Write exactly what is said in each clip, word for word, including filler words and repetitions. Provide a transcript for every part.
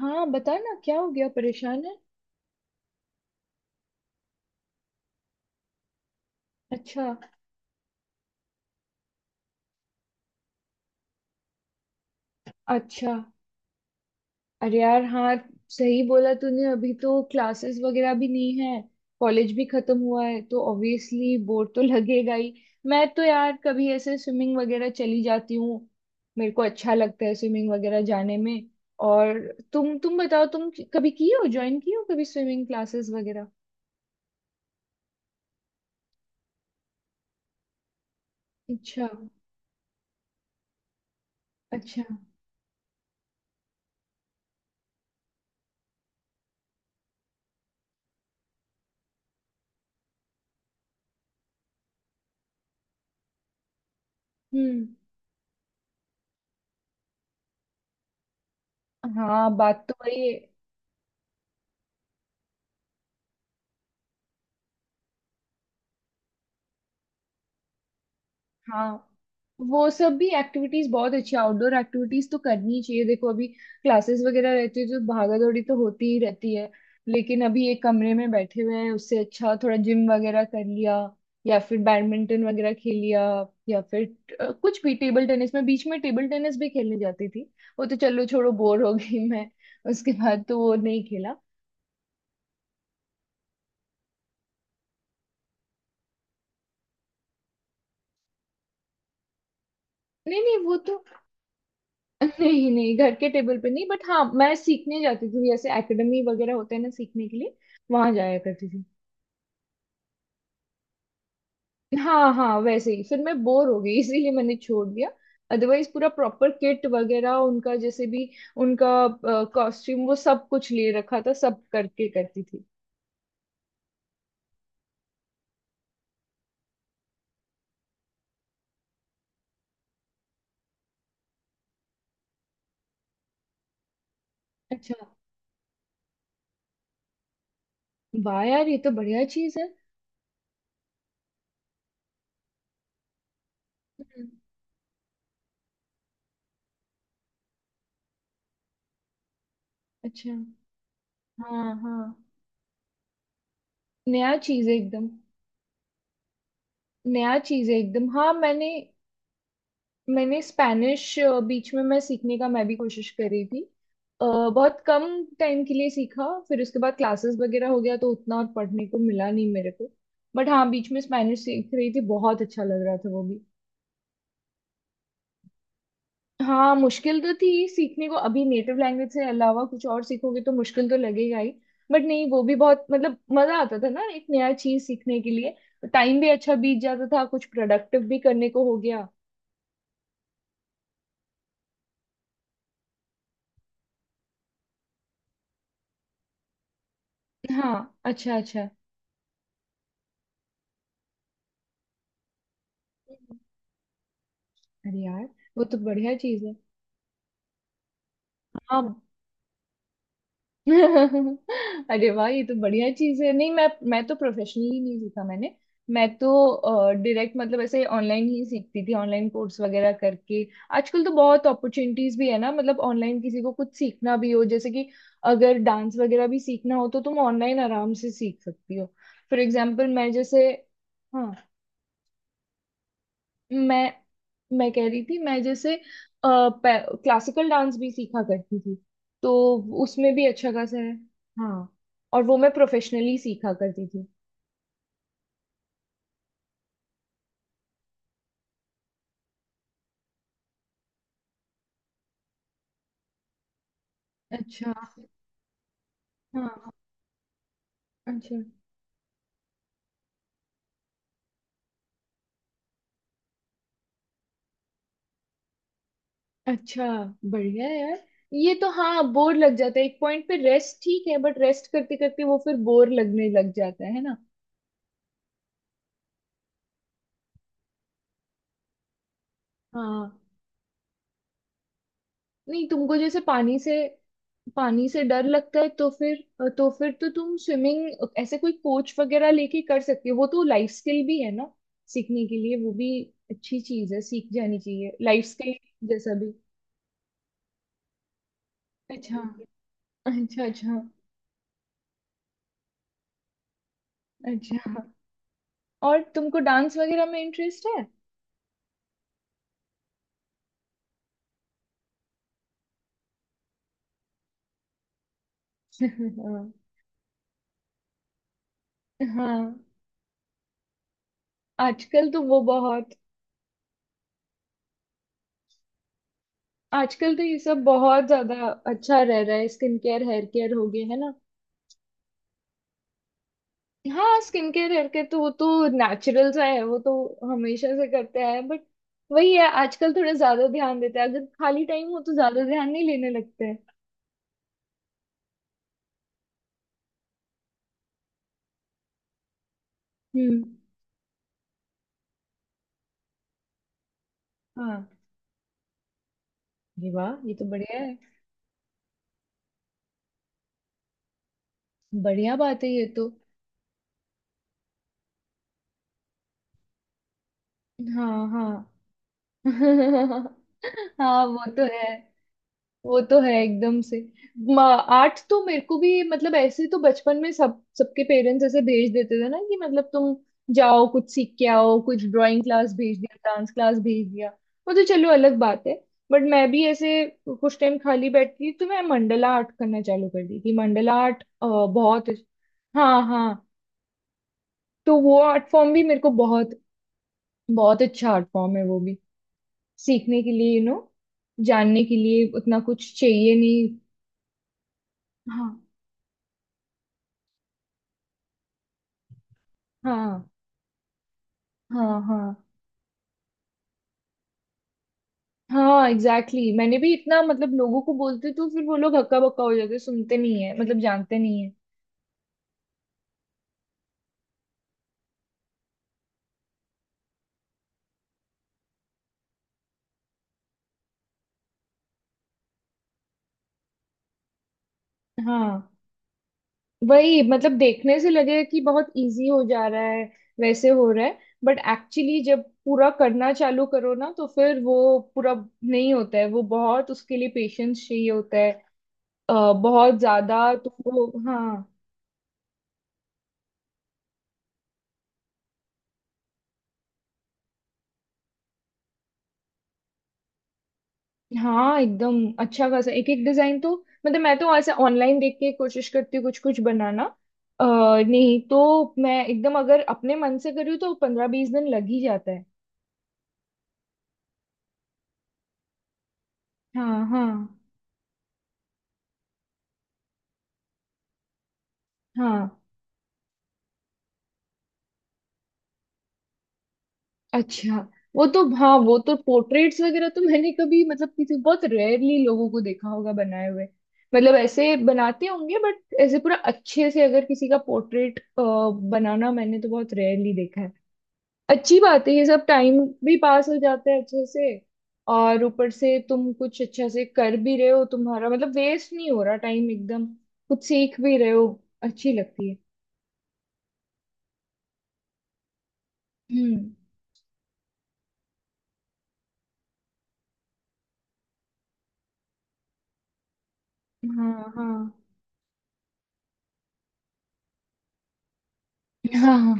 हाँ बता ना, क्या हो गया, परेशान है? अच्छा अच्छा। अरे यार हाँ। सही बोला तूने, अभी तो क्लासेस वगैरह भी नहीं है। कॉलेज भी खत्म हुआ है तो ऑब्वियसली बोर तो लगेगा ही। मैं तो यार कभी ऐसे स्विमिंग वगैरह चली जाती हूँ। मेरे को अच्छा लगता है स्विमिंग वगैरह जाने में। और तुम तुम बताओ, तुम कभी की हो, ज्वाइन की हो कभी स्विमिंग क्लासेस वगैरह? अच्छा अच्छा। हम्म। हाँ बात तो वही है। हाँ वो सब भी एक्टिविटीज बहुत अच्छी, आउटडोर एक्टिविटीज तो करनी ही चाहिए। देखो अभी क्लासेस वगैरह रहती है तो भागा दौड़ी तो होती ही रहती है। लेकिन अभी एक कमरे में बैठे हुए हैं, उससे अच्छा थोड़ा जिम वगैरह कर लिया या फिर बैडमिंटन वगैरह खेल लिया, या फिर अ, कुछ भी टेबल टेनिस, में बीच में टेबल टेनिस भी खेलने जाती थी। वो तो चलो छोड़ो, बोर हो गई मैं, उसके बाद तो वो नहीं खेला। नहीं नहीं वो तो, नहीं नहीं घर के टेबल पे नहीं, बट हाँ मैं सीखने जाती थी, जैसे एकेडमी वगैरह होते हैं ना सीखने के लिए, वहां जाया करती थी। हाँ हाँ, वैसे ही फिर मैं बोर हो गई इसीलिए मैंने छोड़ दिया। अदरवाइज पूरा प्रॉपर किट वगैरह उनका, जैसे भी उनका कॉस्ट्यूम, वो सब कुछ ले रखा था, सब करके करती थी। अच्छा। वाह यार ये तो बढ़िया चीज है। हम्म, अच्छा। हाँ हाँ, नया चीज है एकदम। नया चीज है एकदम, हाँ मैंने, मैंने स्पेनिश, बीच में मैं सीखने का मैं भी कोशिश कर रही थी। अ, बहुत कम टाइम के लिए सीखा, फिर उसके बाद क्लासेस वगैरह हो गया तो उतना और पढ़ने को मिला नहीं मेरे को। बट हाँ बीच में स्पेनिश सीख रही थी, बहुत अच्छा लग रहा था वो भी। हाँ मुश्किल तो थी सीखने को, अभी नेटिव लैंग्वेज से अलावा कुछ और सीखोगे तो मुश्किल तो लगेगा ही। बट नहीं वो भी बहुत, मतलब मजा आता था ना एक नया चीज सीखने के लिए। टाइम भी अच्छा बीत जाता था, कुछ प्रोडक्टिव भी करने को हो गया। हाँ अच्छा अच्छा। अरे यार वो तो बढ़िया चीज है। हाँ अरे वाह ये तो बढ़िया चीज है, नहीं मैं मैं तो प्रोफेशनली नहीं सीखा मैंने। मैं तो डायरेक्ट, मतलब ऐसे ऑनलाइन ही सीखती थी, ऑनलाइन कोर्स वगैरह करके। आजकल तो बहुत अपॉर्चुनिटीज भी है ना, मतलब ऑनलाइन किसी को कुछ सीखना भी हो, जैसे कि अगर डांस वगैरह भी सीखना हो तो तुम ऑनलाइन आराम से सीख सकती हो। फॉर एग्जाम्पल मैं जैसे, हाँ मैं मैं कह रही थी, मैं जैसे क्लासिकल डांस भी सीखा करती थी, तो उसमें भी अच्छा खासा है। हाँ और वो मैं प्रोफेशनली सीखा करती थी। अच्छा। हाँ अच्छा अच्छा। बढ़िया है यार, ये तो। हाँ बोर लग जाता है एक पॉइंट पे, रेस्ट ठीक है बट रेस्ट करते करते वो फिर बोर लगने लग जाता है है ना? हाँ नहीं तुमको जैसे पानी से, पानी से डर लगता है तो फिर, तो फिर तो तुम स्विमिंग ऐसे कोई कोच वगैरह लेके कर सकती हो, वो तो लाइफ स्किल भी है ना सीखने के लिए, वो भी अच्छी चीज है, सीख जानी चाहिए, लाइफ स्किल जैसा भी। अच्छा अच्छा। अच्छा अच्छा। और तुमको डांस वगैरह में इंटरेस्ट है? हाँ हाँ। आजकल तो वो बहुत, आजकल तो ये सब बहुत ज्यादा अच्छा रह रहा है, स्किन केयर हेयर केयर हो गए, है ना? हाँ स्किन केयर करके तो, वो तो नेचुरल सा है वो तो, हमेशा से करते आए हैं बट, वही है आजकल थोड़ा ज्यादा ध्यान देते हैं, अगर खाली टाइम हो तो ज्यादा ध्यान नहीं लेने लगते हैं। हम्म। हाँ ये वाह ये तो बढ़िया है। बढ़िया बात है ये तो। हाँ हाँ। हाँ वो तो है, वो तो है एकदम से। म- आर्ट तो मेरे को भी, मतलब ऐसे तो बचपन में सब, सबके पेरेंट्स ऐसे भेज देते थे ना, कि मतलब तुम जाओ कुछ सीख के आओ, कुछ ड्राइंग क्लास भेज दिया, डांस क्लास भेज दिया। वो तो चलो अलग बात है। बट मैं भी ऐसे कुछ टाइम खाली बैठती थी तो मैं मंडला आर्ट करना चालू कर दी थी, मंडला आर्ट अ, बहुत। हाँ हाँ, तो वो आर्ट फॉर्म भी मेरे को बहुत, बहुत अच्छा आर्ट फॉर्म है वो भी, सीखने के लिए, यू नो जानने के लिए उतना कुछ चाहिए नहीं। हाँ हाँ हाँ हाँ। हाँ एग्जैक्टली exactly। मैंने भी इतना, मतलब लोगों को बोलते तो फिर वो लोग हक्का बक्का हो जाते, सुनते नहीं है, मतलब जानते नहीं है। हाँ वही, मतलब देखने से लगेगा कि बहुत इजी हो जा रहा है, वैसे हो रहा है, बट एक्चुअली जब पूरा करना चालू करो ना, तो फिर वो पूरा नहीं होता है, वो बहुत उसके लिए पेशेंस चाहिए होता है, अ, बहुत ज्यादा तुमको, हाँ। हाँ एकदम अच्छा खासा, एक एक डिजाइन तो, मतलब मैं तो ऐसे ऑनलाइन देख के कोशिश करती हूँ कुछ कुछ बनाना। आ, नहीं तो मैं एकदम अगर अपने मन से करूँ तो पंद्रह बीस दिन लग ही जाता है। हाँ हाँ। हाँ अच्छा। वो तो हाँ, वो तो पोर्ट्रेट्स वगैरह तो मैंने कभी, मतलब किसी, बहुत रेयरली लोगों को देखा होगा बनाए हुए, मतलब ऐसे बनाते होंगे, बट ऐसे पूरा अच्छे से अगर किसी का पोर्ट्रेट बनाना, मैंने तो बहुत रेयरली देखा है। अच्छी बात है, ये सब टाइम भी पास हो जाता है अच्छे से, और ऊपर से तुम कुछ अच्छा से कर भी रहे हो, तुम्हारा मतलब वेस्ट नहीं हो रहा टाइम एकदम, कुछ सीख भी रहे हो, अच्छी लगती है। हम्म। हाँ हाँ हाँ हाँ।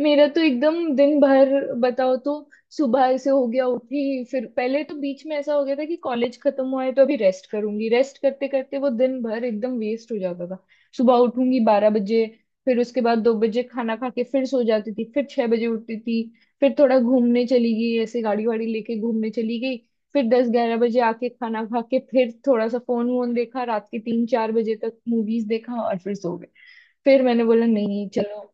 मेरा तो एकदम दिन भर, बताओ तो, सुबह से हो गया उठी, फिर पहले तो बीच में ऐसा हो गया था कि कॉलेज खत्म हुआ है तो अभी रेस्ट करूंगी, रेस्ट करते करते वो दिन भर एकदम वेस्ट हो जाता था। सुबह उठूंगी बारह बजे, फिर उसके बाद दो बजे खाना खा के फिर सो जाती थी, फिर छह बजे उठती थी, फिर थोड़ा घूमने चली गई, ऐसे गाड़ी वाड़ी लेके घूमने चली गई, फिर दस ग्यारह बजे आके खाना खा के, फिर थोड़ा सा फोन वोन देखा, रात के तीन चार बजे तक मूवीज देखा और फिर सो गए, फिर मैंने बोला नहीं चलो।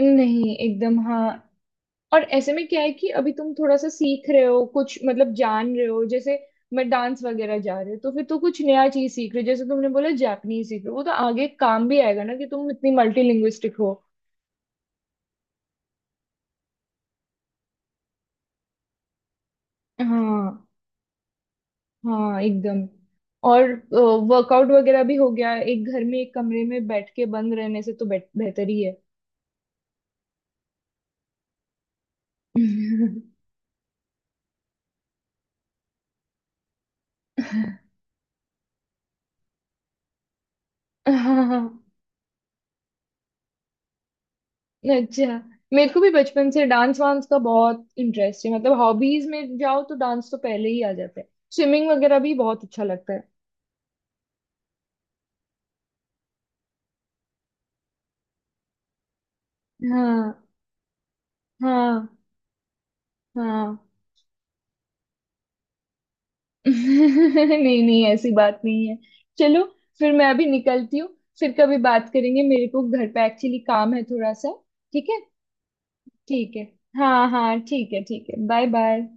नहीं एकदम, हाँ। और ऐसे में क्या है कि अभी तुम थोड़ा सा सीख रहे हो कुछ, मतलब जान रहे हो, जैसे मैं डांस वगैरह जा रहे हो तो फिर तो कुछ नया चीज सीख रहे हो, जैसे तुमने बोला जापनीज सीख रहे हो, वो तो आगे काम भी आएगा ना, कि तुम इतनी मल्टीलिंग्विस्टिक हो। हाँ हाँ एकदम। और वर्कआउट वगैरह भी हो गया, एक घर में एक कमरे में बैठ के बंद रहने से तो बेट- बेहतर ही है। हाँ हाँ। अच्छा मेरे को भी बचपन से डांस वांस का बहुत इंटरेस्ट है, मतलब हॉबीज में जाओ तो डांस तो पहले ही आ जाता है, स्विमिंग वगैरह भी बहुत अच्छा लगता है। हाँ हाँ हाँ। नहीं नहीं ऐसी बात नहीं है। चलो फिर मैं अभी निकलती हूँ, फिर कभी बात करेंगे, मेरे को घर पे एक्चुअली काम है थोड़ा सा। ठीक है ठीक है। हाँ हाँ ठीक है ठीक है बाय बाय।